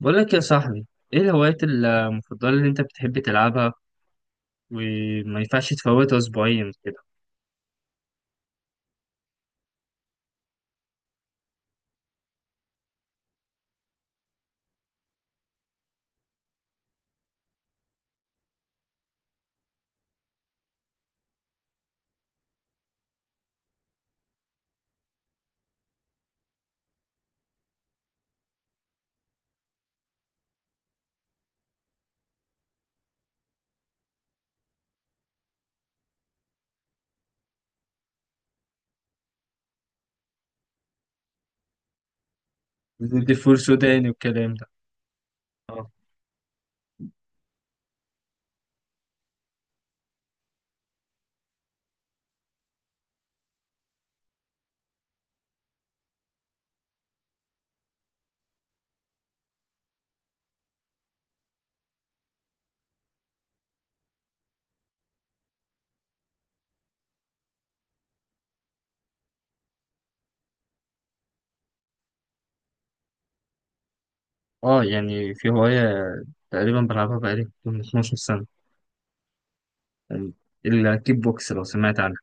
بقول لك يا صاحبي، ايه الهوايات المفضلة اللي انت بتحب تلعبها وما ينفعش تفوتها اسبوعيا كده؟ دي فول سوداني والكلام ده. اه، اه، يعني في هواية تقريبا بلعبها بقالي من 12 سنة، يعني الكيك بوكس لو سمعت عنها.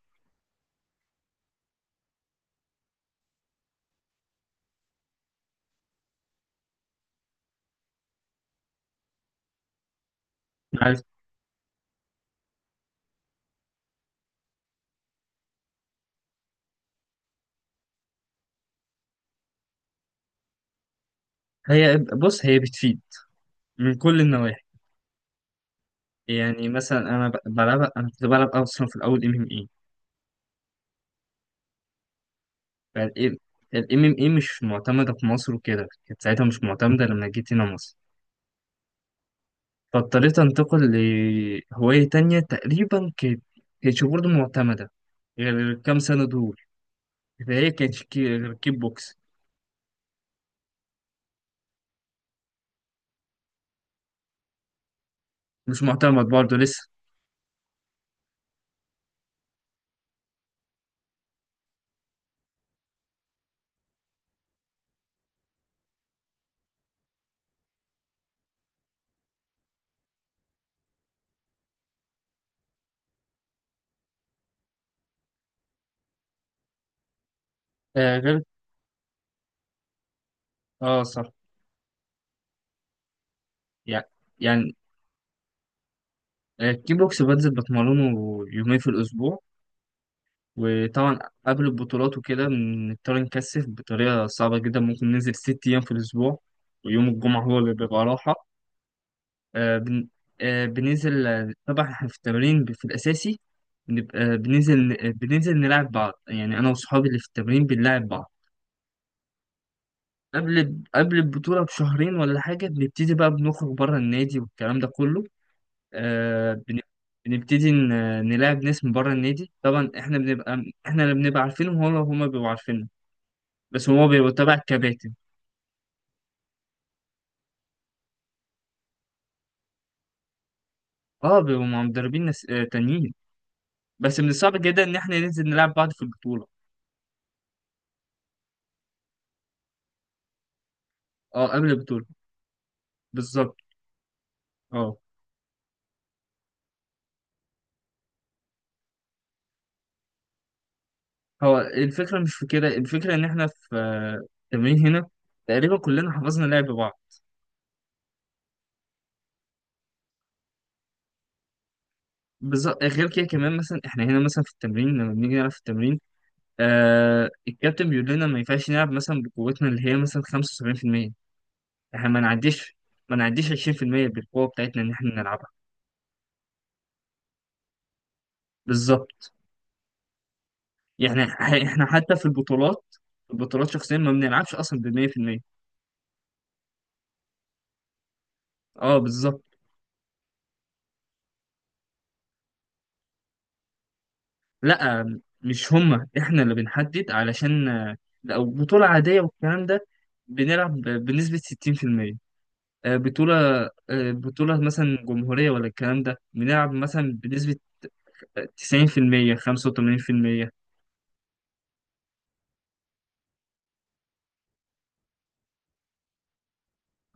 عارف. هي بص، هي بتفيد من كل النواحي. يعني مثلا انا بلعبها، انا كنت بلعب اصلا في الاول ام ام اي. فالام الام ام اي مش معتمدة في مصر وكده، كانت ساعتها مش معتمدة لما جيت هنا مصر، فاضطريت أنتقل لهواية تانية تقريبا كانت كانتش برضه معتمدة غير الكام سنة دول، فهي غير كيك بوكس. مش معتمد برضه لسه. غير، اه صح. يعني يعني الكيك بوكس بنزل بتمرنه يومين في الأسبوع، وطبعا قبل البطولات وكده بنضطر نكثف بطريقة صعبة جدا، ممكن ننزل ست أيام في الأسبوع، ويوم الجمعة هو اللي بيبقى راحة. آه، بن... آه، بننزل طبعا احنا في التمرين في الأساسي بننزل بننزل نلعب بعض، يعني أنا وصحابي اللي في التمرين بنلعب بعض. قبل البطولة بشهرين ولا حاجة بنبتدي بقى بنخرج بره النادي والكلام ده كله. آه، بن- بنبتدي نلاعب ناس من بره النادي، طبعا احنا بنبقى احنا اللي بنبقى عارفينهم، هو هما بيبقوا عارفيننا. بس هو بيبقى تبع الكباتن. اه، بيبقوا مع مدربين ناس تانيين. بس من الصعب جدا ان احنا ننزل نلعب بعض في البطولة. اه، قبل البطولة. بالظبط. اه، هو الفكرة مش في كده، الفكرة إن إحنا في التمرين هنا تقريبا كلنا حفظنا لعب بعض. بالظبط، غير كده كمان مثلا إحنا هنا مثلا في التمرين لما بنيجي نلعب في التمرين الكابتن بيقول لنا ما ينفعش نلعب مثلا بقوتنا اللي هي مثلا 75%. إحنا ما نعديش ما نعديش 20% بالقوة بتاعتنا إن إحنا نلعبها. بالظبط. يعني إحنا حتى في البطولات، البطولات شخصيا ما بنلعبش أصلا ب 100%. أه بالظبط. لا، مش هما احنا اللي بنحدد، علشان لو بطولة عادية والكلام ده بنلعب بنسبة 60%. آه، بطولة بطولة مثلا جمهورية ولا الكلام ده بنلعب مثلا بنسبة 90% 85%.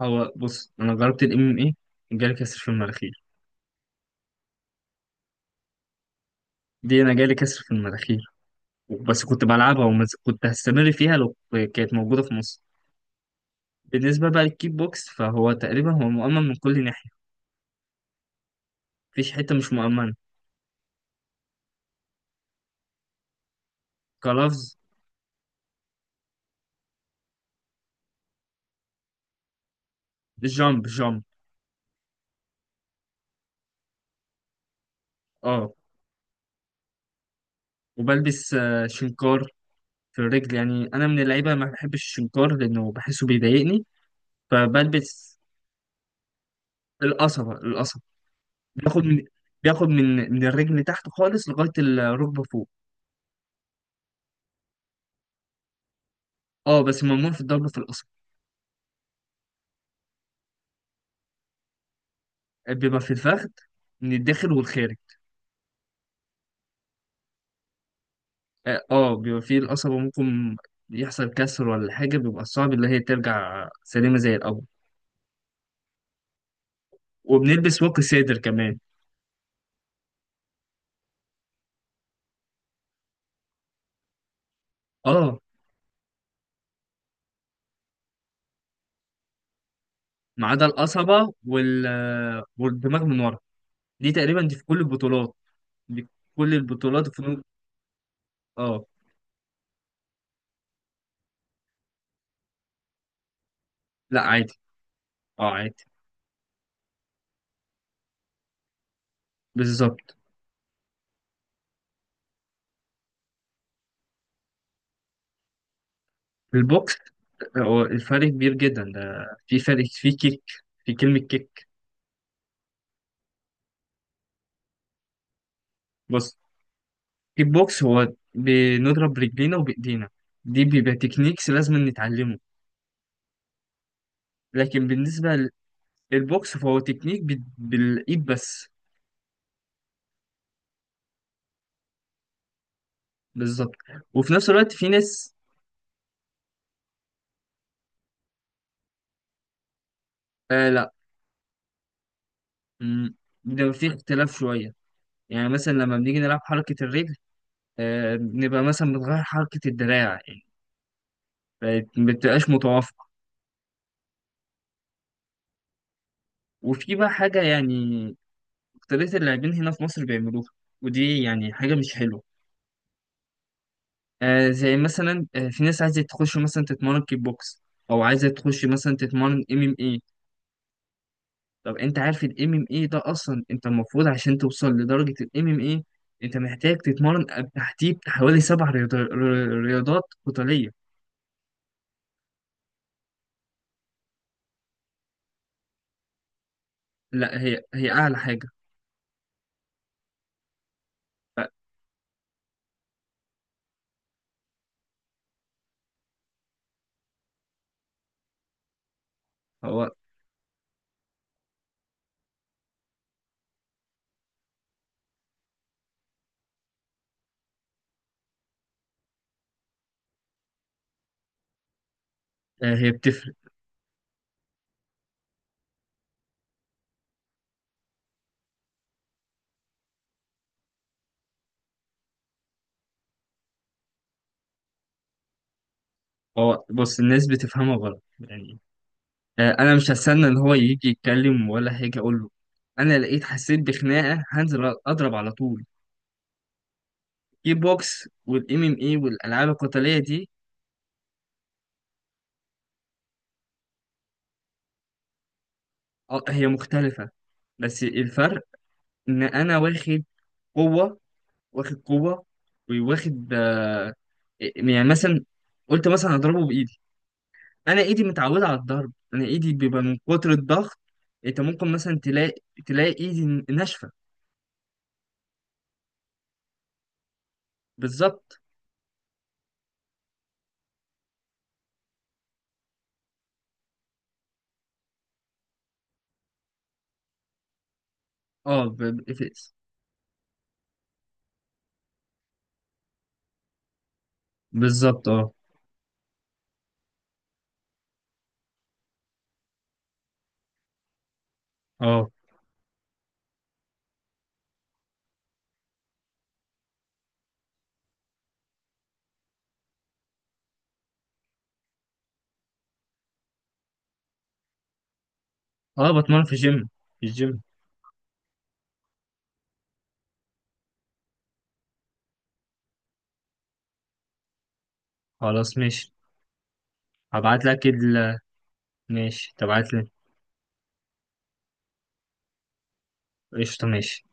هو بص، أنا جربت الام ام ايه، جالي كسر في المناخير. دي أنا جالي كسر في المناخير، بس كنت بلعبها، وكنت هستمر فيها لو كانت موجودة في مصر. بالنسبة بقى للكيك بوكس فهو تقريبا هو مؤمن من كل ناحية، مفيش حتة مش مؤمنة. كلفظ. جامب جامب. اه. وبلبس شنكار في الرجل، يعني انا من اللعيبه ما بحبش الشنكار لانه بحسه بيضايقني. فبلبس القصبه القصبه. بياخد من بياخد من الرجل تحت خالص لغايه الركبه فوق. اه، بس ممنوع في الضرب في القصبه، بيبقى في الفخذ من الداخل والخارج. اه، بيبقى في القصبه ممكن يحصل كسر ولا حاجه، بيبقى صعب اللي هي ترجع سليمه زي الاول. وبنلبس واقي صدر كمان. اه، ما عدا القصبه والدماغ من ورا، دي تقريبا دي في كل البطولات. دي في كل البطولات في. اه، لا عادي. اه عادي. بالظبط. البوكس، هو الفرق كبير جدا، ده في فرق في كلمة كيك. بص، الكيك بوكس هو بنضرب رجلينا وبإيدينا، دي بيبقى تكنيكس لازم نتعلمه. لكن بالنسبة للبوكس فهو تكنيك بالإيد بس. بالظبط، وفي نفس الوقت في ناس. آه لا. مم، ده في اختلاف شوية، يعني مثلا لما بنيجي نلعب حركة الرجل بنبقى مثلا بتغير حركة الدراع، يعني ما بتبقاش متوافقة. وفي بقى حاجة يعني أكترية اللاعبين هنا في مصر بيعملوها، ودي يعني حاجة مش حلوة. آه، زي مثلا في ناس عايزة تخش مثلا تتمرن كيك بوكس، أو عايزة تخش مثلا تتمرن ام ام اي. طب أنت عارف الام ام اي ده أصلا، أنت المفروض عشان توصل لدرجة الام ام اي أنت محتاج تتمرن تحتيه حوالي سبع رياضات قتالية. لا هي أعلى حاجة. هو هي بتفرق. هو بص، الناس بتفهمها غلط، يعني انا مش هستنى ان هو يجي يتكلم ولا حاجه اقول له، انا لقيت حسيت بخناقه هنزل اضرب على طول. كيك بوكس والام ام اي والالعاب القتاليه دي هي مختلفه، بس الفرق ان انا واخد قوه واخد قوه وواخد آه، يعني مثلا قلت مثلا اضربه بايدي، انا ايدي متعوده على الضرب، انا ايدي بيبقى من كتر الضغط. انت ممكن مثلا تلاقي ايدي ناشفه. بالظبط. اه، بالظبط. اه، اه، اه. بتمرن في الجيم، في الجيم. خلاص ماشي. هبعت لك ال، ماشي تبعت لي. قشطة ماشي.